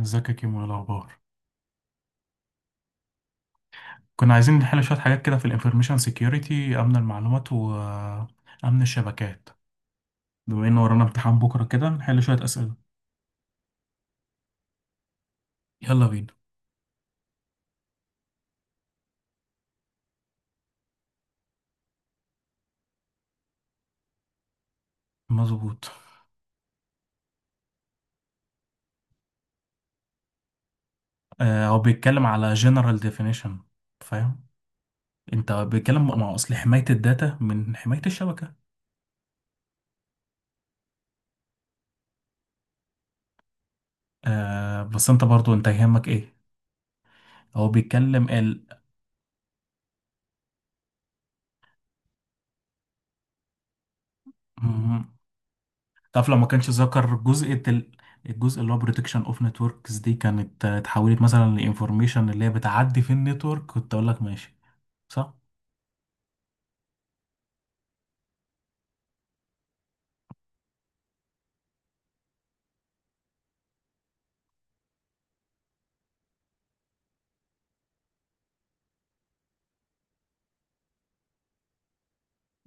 ازيك يا كيمو؟ ايه الاخبار؟ كنا عايزين نحل شويه حاجات كده في الانفورميشن سيكيورتي، امن المعلومات وامن الشبكات. بما ان ورانا امتحان بكره كده نحل شويه اسئله. يلا بينا. مظبوط. هو بيتكلم على جنرال ديفينيشن. فاهم؟ انت بيتكلم مع اصل حمايه الداتا من حمايه الشبكه. آه، بس انت برضو انت يهمك ايه؟ هو بيتكلم ال، تعرف لو ما كانش ذكر جزء الجزء اللي هو بروتكشن اوف نتوركس، دي كانت اتحولت مثلا لانفورميشن اللي هي بتعدي في النتورك، كنت اقول لك ماشي. صح.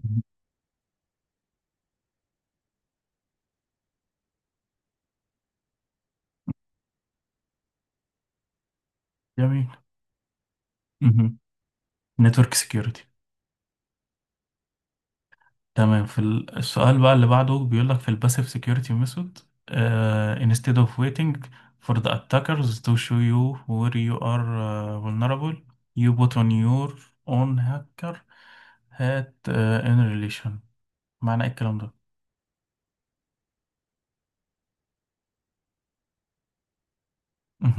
مهم. جميل. نتورك سكيورتي. تمام. في السؤال بقى اللي بعده بيقول لك في الباسيف سكيورتي ميثود instead of waiting for the attackers to show you where you are vulnerable, you put on your own hacker hat in relation. معنى ايه الكلام ده؟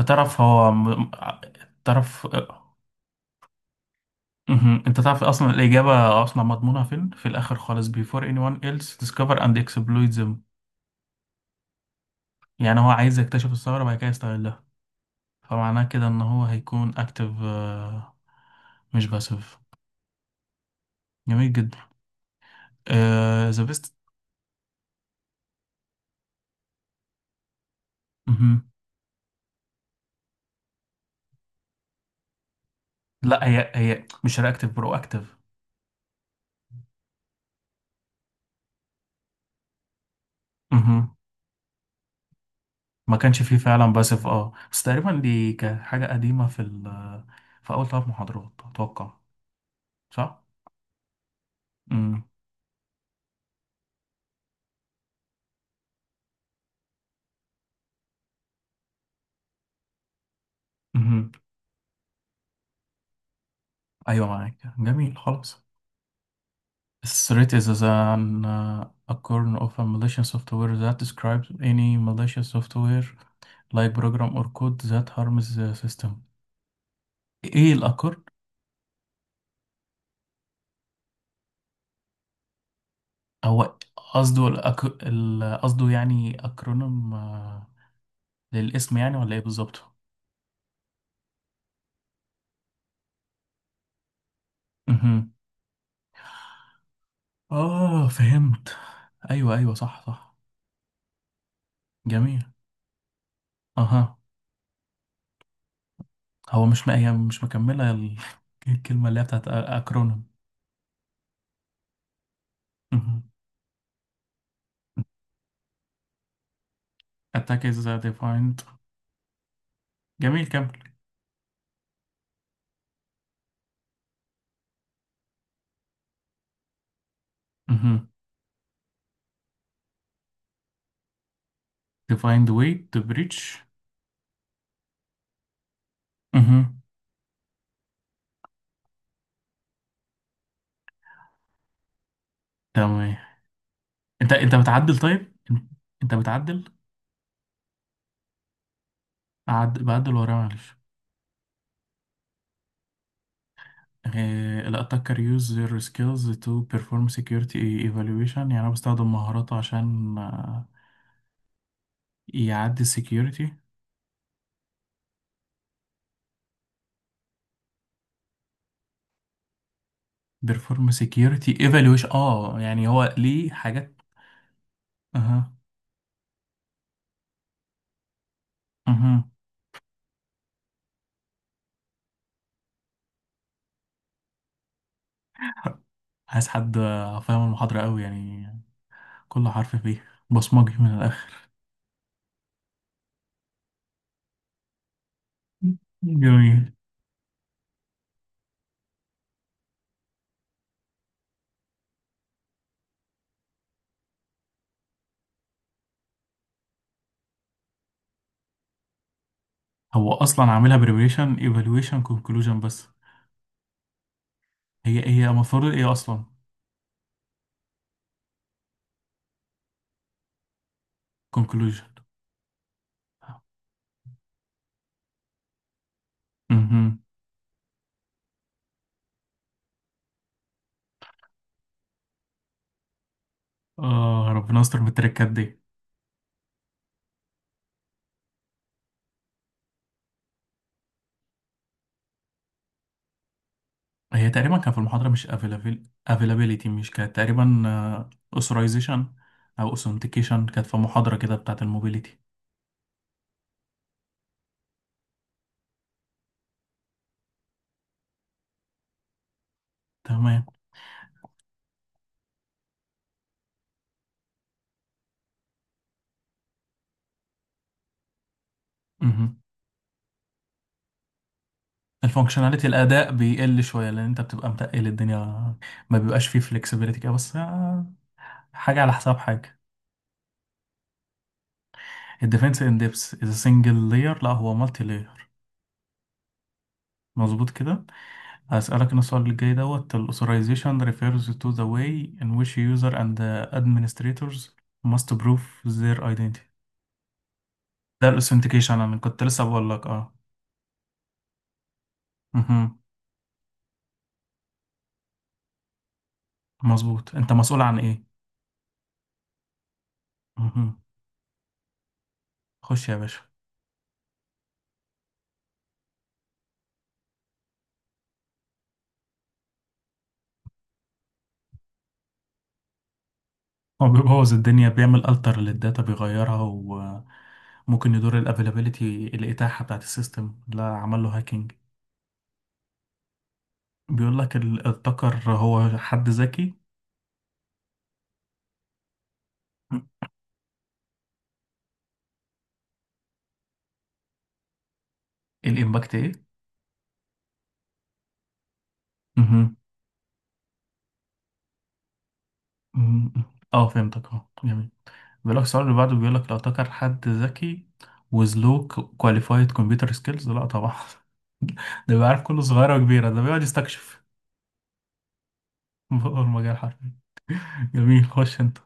انت تعرف هو م... تعرف. مهم. انت تعرف اصلا الاجابه اصلا مضمونه فين؟ في الاخر خالص، before anyone else discover and exploit them. يعني هو عايز يكتشف الثغره بعد كده يستغلها، فمعناه كده ان هو هيكون اكتف مش باسف. جميل جدا. ذا بيست. لا، هي مش رياكتيف، برو اكتف. ما كانش فيه فعلا باسف، اه، بس تقريبا دي كانت حاجه قديمه في في اول ثلاث محاضرات اتوقع. صح. امم. أيوة، معاك، جميل خلاص. Threat is as an a kernel of a malicious software that describes any malicious software like program or code that harms the system. إيه الأكر؟ هو قصده الأك... ال- قصده يعني أكرونيم، للاسم، يعني ولا إيه بالظبط؟ مهم. آه، فهمت. أيوة أيوة، صح صح. جميل. أها. هو مش م... هي مش مكملة ال- الكلمة اللي هي بتاعت أكرونيم. مهم. Attack is defined. جميل، كمل. مهم. To find way to bridge. مهم. تمام. انت بتعدل؟ طيب. انت بتعدل. بعدل وراه معلش. إيه... ال attacker use their skills to perform security evaluation. يعني انا بستخدم مهاراته عشان يعدي ال security. Perform security evaluation، اه يعني هو ليه حاجات. اها اها. عايز حد فاهم المحاضرة قوي، يعني كل حرف فيه، بصمجي من الاخر. جميل. هو اصلا عاملها بريبريشن ايفالويشن كونكلوجن بس. هي هي المفروض ايه اصلا؟ كونكلوجن. امم. اه، ربنا يستر بالتركات دي. هي تقريبا كان في المحاضره، مش افيلابيلتي مش كانت تقريبا؟ اوثرايزيشن او اوثنتيكيشن كانت في محاضره كده بتاعت الموبيليتي. تمام. امم. الفانكشناليتي، الاداء بيقل شويه لان انت بتبقى متقل الدنيا، ما بيبقاش فيه فلكسبيليتي كده، بس حاجه على حساب حاجه. الديفنس ان ديبس از سنجل لاير؟ لا، هو مالتي لاير. مظبوط كده. هسألك أنا السؤال اللي جاي دوت. ال authorization refers to the way in which user and the administrators must prove their identity. ده ال authentication، أنا كنت لسه بقول لك اه. مهم. مظبوط. أنت مسؤول عن إيه. مهم. خش يا باشا. هو بيبوظ الدنيا، بيعمل alter للداتا، بيغيرها، وممكن يدور ال availability، الإتاحة بتاعت السيستم، لا عمل له هاكينج. بيقول لك التقر هو حد ذكي. الإمباكت إيه؟ مهم. مم. اه، فهمتك، اه جميل. بيقول لك السؤال اللي بعده، بيقول لك لو تكر حد ذكي with low qualified computer skills، لا طبعا. ده بيعرف كله صغيرة وكبيرة، ده بيقعد يستكشف. هو المجال حرفيا. جميل، خش انت.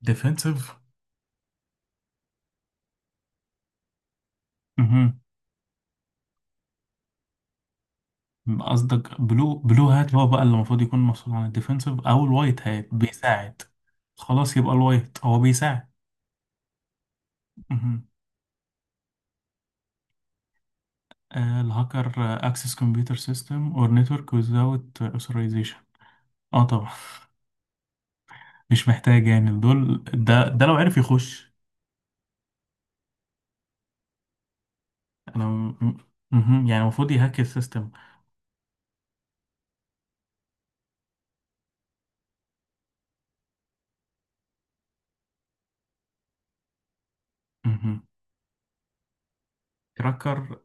Defensive. مهم. قصدك بلو؟ بلو هات هو بقى اللي المفروض يكون مسؤول عن الديفنسيف، او الوايت هات بيساعد. خلاص، يبقى الوايت هو بيساعد. مهم. آه الهاكر. اكسس كمبيوتر سيستم اور نتورك without authorization، اه طبعا، مش محتاج يعني. دول ده لو عرف يخش. انا م- مهم. يعني المفروض يهاك السيستم. مهم. كراكر،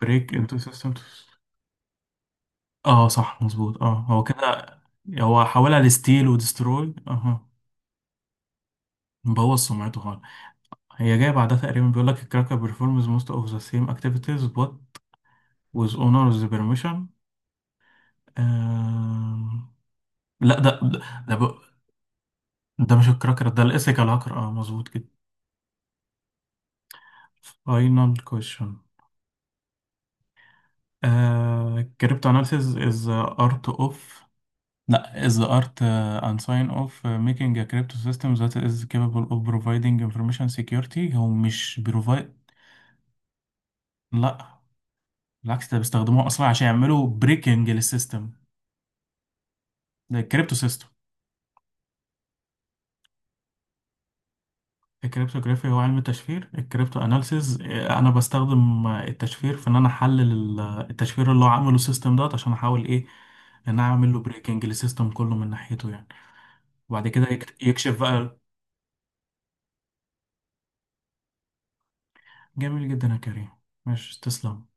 بريك انتو سيستم، اه صح مظبوط، اه هو كده. هو حاولها لستيل ودستروي. اها. مبوظ سمعته خالص. هي جايه بعدها تقريبا، بيقول لك الكراكر بيرفورمز موست اوف ذا سيم اكتيفيتيز بوت ويز اونرز بيرميشن. لا، ده ده, ب... ده مش الكراكر، ده الايثيكال هاكر، اه مظبوط كده. فاينل كويشن. Cryptanalysis is the art of, no, is the art and sign of making a crypto system that is capable of providing information security. هو مش بيروفايد، لا بالعكس، ده بيستخدموه اصلا عشان يعملوا بريكنج للسيستم. ده الكريبتو سيستم. الكريبتوغرافي هو علم التشفير. الكريبتو اناليسيز، انا بستخدم التشفير في ان انا احلل ال- التشفير اللي هو عامله السيستم دوت، عشان احاول ايه؟ ان انا اعمل له بريكنج للسيستم كله من ناحيته يعني. وبعد كده يكشف بقى. جميل جدا يا كريم. ماشي، تسلم.